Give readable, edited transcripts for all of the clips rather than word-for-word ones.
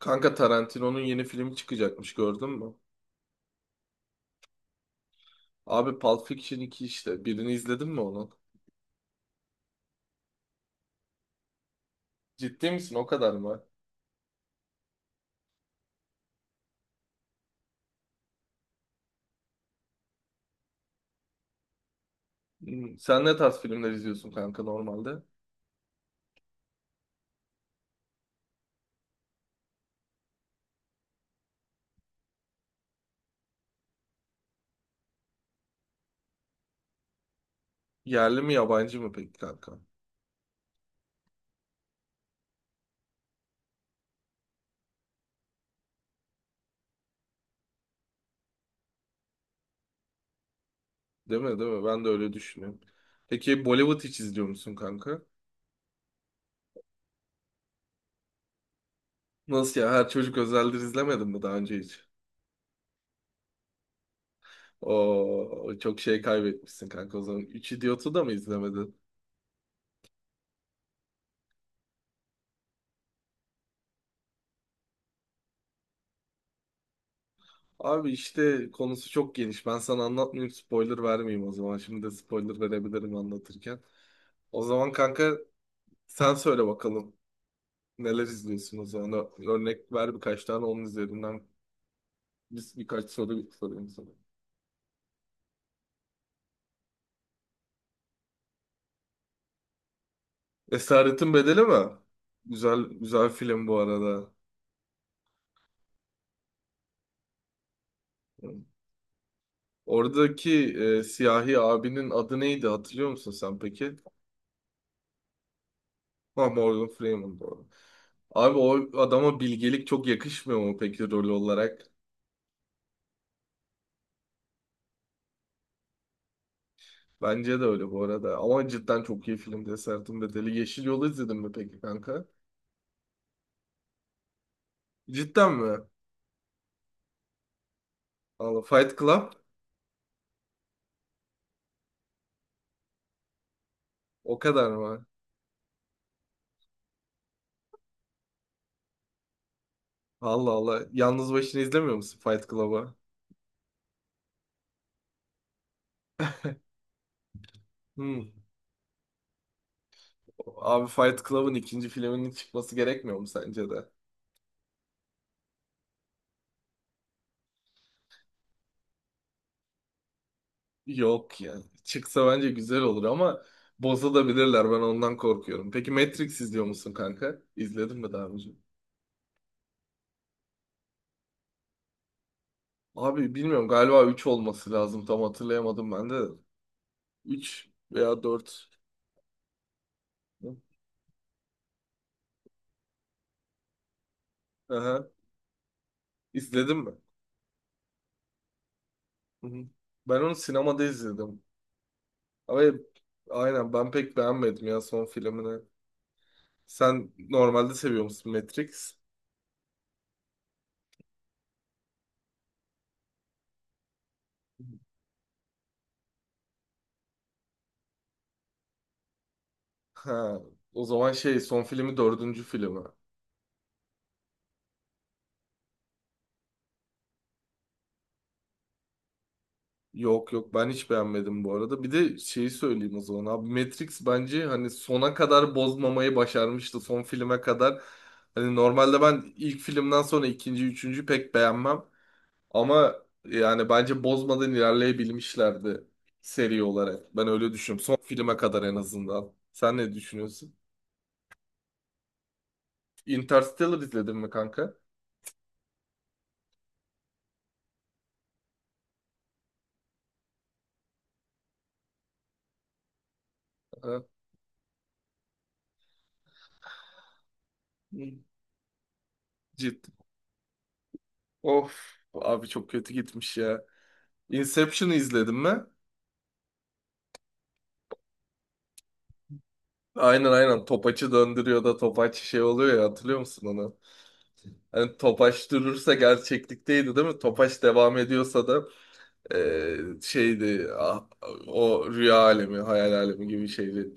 Kanka Tarantino'nun yeni filmi çıkacakmış gördün mü? Abi Pulp Fiction 2 işte. Birini izledin mi onun? Ciddi misin? O kadar mı? Hmm, sen ne tarz filmler izliyorsun kanka normalde? Yerli mi yabancı mı peki kanka? Değil mi, değil mi? Ben de öyle düşünüyorum. Peki Bollywood hiç izliyor musun kanka? Nasıl ya? Her çocuk özeldir, izlemedin mi daha önce hiç? O çok şey kaybetmişsin kanka o zaman. Üç Idiot'u da mı izlemedin? Abi işte konusu çok geniş. Ben sana anlatmayayım, spoiler vermeyeyim o zaman. Şimdi de spoiler verebilirim anlatırken. O zaman kanka sen söyle bakalım. Neler izliyorsun o zaman? Örnek ver birkaç tane onun üzerinden. Biz birkaç soru sorayım sana. Esaretin Bedeli mi? Güzel, güzel film bu arada. Oradaki siyahi abinin adı neydi hatırlıyor musun sen peki? Ha, Morgan Freeman doğru. Abi o adama bilgelik çok yakışmıyor mu peki rol olarak? Bence de öyle bu arada. Ama cidden çok iyi film Desertin Bedeli. Yeşil Yol'u izledin mi peki kanka? Cidden mi? Allah Fight Club o kadar mı? Allah Allah. Yalnız başına izlemiyor musun Fight Club'ı? Hmm. Abi Fight Club'ın ikinci filminin çıkması gerekmiyor mu sence de? Yok ya. Çıksa bence güzel olur ama bozulabilirler. Ben ondan korkuyorum. Peki Matrix izliyor musun kanka? İzledin mi daha önce? Abi bilmiyorum, galiba 3 olması lazım. Tam hatırlayamadım ben de. 3 veya 4. Aha. İzledin mi? Hı hı. Ben onu sinemada izledim. Ama aynen ben pek beğenmedim ya son filmini. Sen normalde seviyor musun Matrix? Ha, o zaman şey son filmi dördüncü filmi. Yok yok ben hiç beğenmedim bu arada. Bir de şeyi söyleyeyim o zaman abi, Matrix bence hani sona kadar bozmamayı başarmıştı son filme kadar. Hani normalde ben ilk filmden sonra ikinci, üçüncü pek beğenmem. Ama yani bence bozmadan ilerleyebilmişlerdi seri olarak. Ben öyle düşünüyorum. Son filme kadar en azından. Sen ne düşünüyorsun? Interstellar izledin mi kanka? Ha? Ciddi. Of, abi çok kötü gitmiş ya. Inception'ı izledin mi? Aynen, aynen topaçı döndürüyor da topaç şey oluyor ya, hatırlıyor musun onu? Hani topaç durursa gerçeklikteydi değil mi? Topaç devam ediyorsa da şeydi, o rüya alemi, hayal alemi gibi şeydi.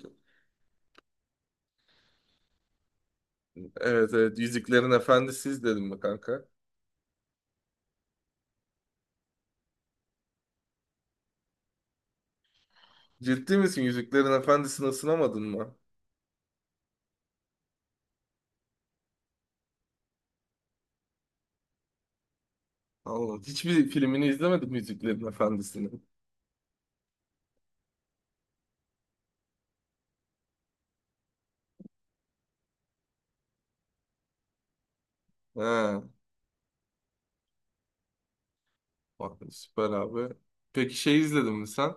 Evet evet, Yüzüklerin Efendisi izledim mi kanka? Ciddi misin, Yüzüklerin Efendisi'ni ısınamadın mı? Allah, hiçbir filmini izlemedim Yüzüklerin Efendisi'nin. He, bak süper abi. Peki şey izledin mi sen?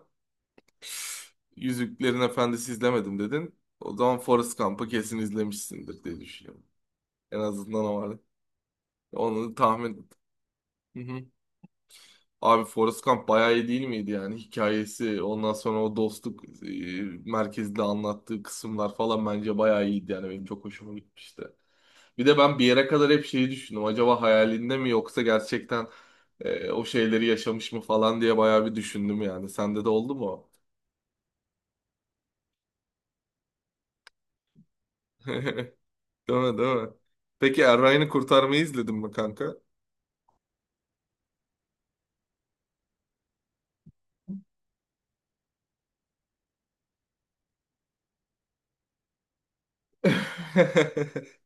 Yüzüklerin Efendisi izlemedim dedin. O zaman Forrest Gump'ı kesin izlemişsindir diye düşünüyorum. En azından o var. Onu tahmin et. Abi Forrest Gump bayağı iyi değil miydi yani, hikayesi ondan sonra o dostluk merkezde anlattığı kısımlar falan bence bayağı iyiydi yani benim çok hoşuma gitmişti. Bir de ben bir yere kadar hep şeyi düşündüm, acaba hayalinde mi yoksa gerçekten o şeyleri yaşamış mı falan diye bayağı bir düşündüm yani, sende de oldu mu? O? Değil mi, değil mi? Peki Erray'ını kurtarmayı izledin mi kanka?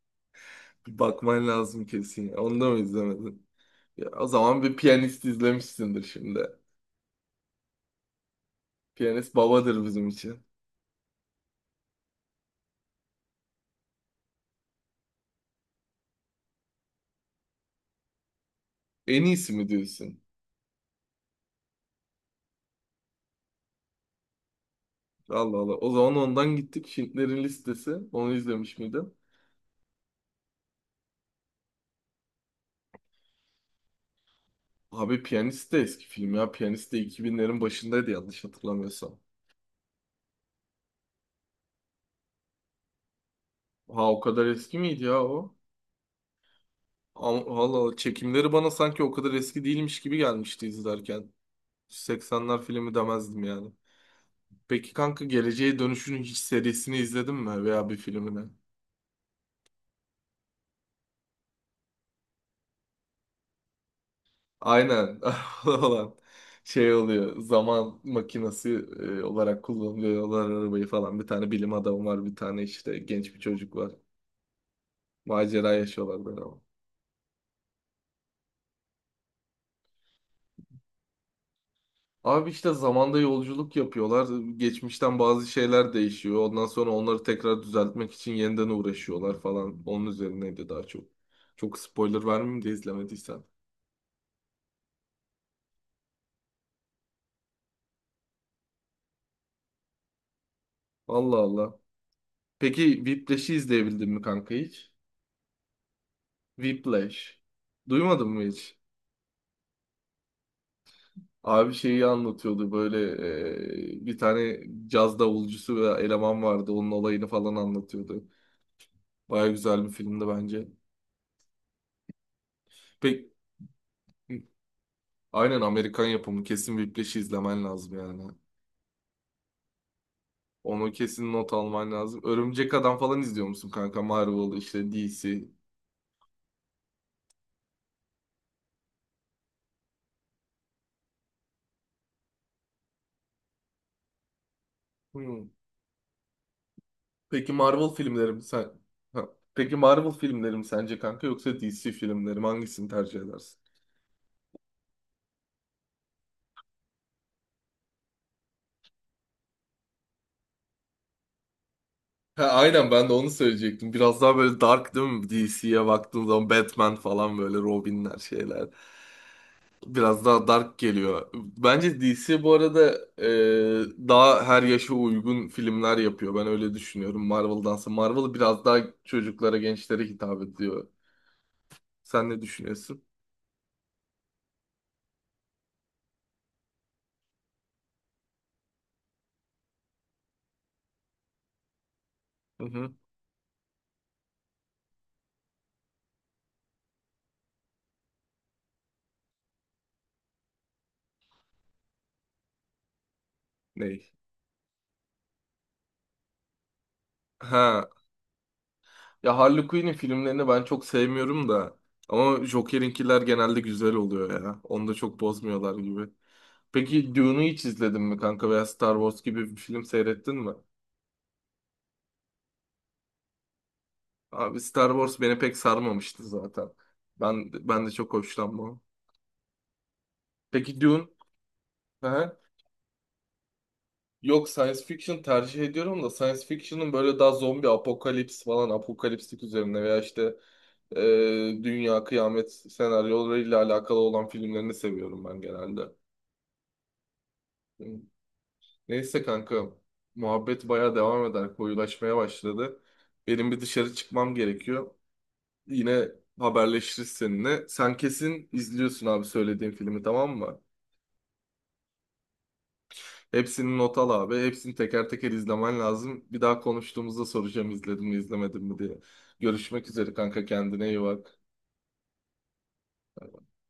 Bir bakman lazım kesin ya, onu da mı izlemedin? Ya, o zaman bir piyanist izlemişsindir şimdi. Piyanist babadır bizim için. En iyisi mi diyorsun? Allah Allah. O zaman ondan gittik. Şintlerin listesi. Onu izlemiş miydin? Abi Piyanist de eski film ya. Piyanist de 2000'lerin başındaydı yanlış hatırlamıyorsam. Ha, o kadar eski miydi ya o? Allah Allah. Çekimleri bana sanki o kadar eski değilmiş gibi gelmişti izlerken. 80'ler filmi demezdim yani. Peki kanka Geleceğe Dönüş'ün hiç serisini izledin mi veya bir filmini? Aynen olan şey oluyor. Zaman makinesi olarak kullanıyorlar arabayı falan. Bir tane bilim adamı var, bir tane işte genç bir çocuk var. Macera yaşıyorlar böyle ama. Abi işte zamanda yolculuk yapıyorlar. Geçmişten bazı şeyler değişiyor. Ondan sonra onları tekrar düzeltmek için yeniden uğraşıyorlar falan. Onun üzerineydi daha çok. Çok spoiler vermeyeyim de izlemediysen. Allah Allah. Peki Whiplash'i izleyebildin mi kanka hiç? Whiplash. Duymadın mı hiç? Abi şeyi anlatıyordu böyle bir tane caz davulcusu ve eleman vardı onun olayını falan anlatıyordu. Baya güzel bir filmdi bence. Pek aynen Amerikan yapımı, kesin Whiplash'i izlemen lazım yani. Onu kesin not alman lazım. Örümcek Adam falan izliyor musun kanka? Marvel işte DC. Hmm. Peki Marvel filmlerim sen ha, Peki Marvel filmlerim sence kanka yoksa DC filmlerim hangisini tercih edersin? Ha, aynen ben de onu söyleyecektim. Biraz daha böyle dark değil mi? DC'ye baktığım zaman Batman falan böyle Robin'ler şeyler. Biraz daha dark geliyor. Bence DC bu arada daha her yaşa uygun filmler yapıyor. Ben öyle düşünüyorum Marvel'dansa. Marvel biraz daha çocuklara, gençlere hitap ediyor. Sen ne düşünüyorsun? Hı hı. Ney? Ha. Ya Harley Quinn'in filmlerini ben çok sevmiyorum da. Ama Joker'inkiler genelde güzel oluyor ya. Onu da çok bozmuyorlar gibi. Peki Dune'u hiç izledin mi kanka veya Star Wars gibi bir film seyrettin mi? Abi Star Wars beni pek sarmamıştı zaten. Ben de çok hoşlanmam. Peki Dune? Hı. Yok, science fiction tercih ediyorum da science fiction'ın böyle daha zombi apokalips falan apokaliptik üzerine veya işte e, dünya kıyamet senaryolarıyla alakalı olan filmlerini seviyorum ben genelde. Hı. Neyse kanka muhabbet baya devam eder, koyulaşmaya başladı. Benim bir dışarı çıkmam gerekiyor. Yine haberleşiriz seninle. Sen kesin izliyorsun abi söylediğim filmi, tamam mı? Hepsini not al abi. Hepsini teker teker izlemen lazım. Bir daha konuştuğumuzda soracağım izledim mi izlemedim mi diye. Görüşmek üzere kanka, kendine iyi bak.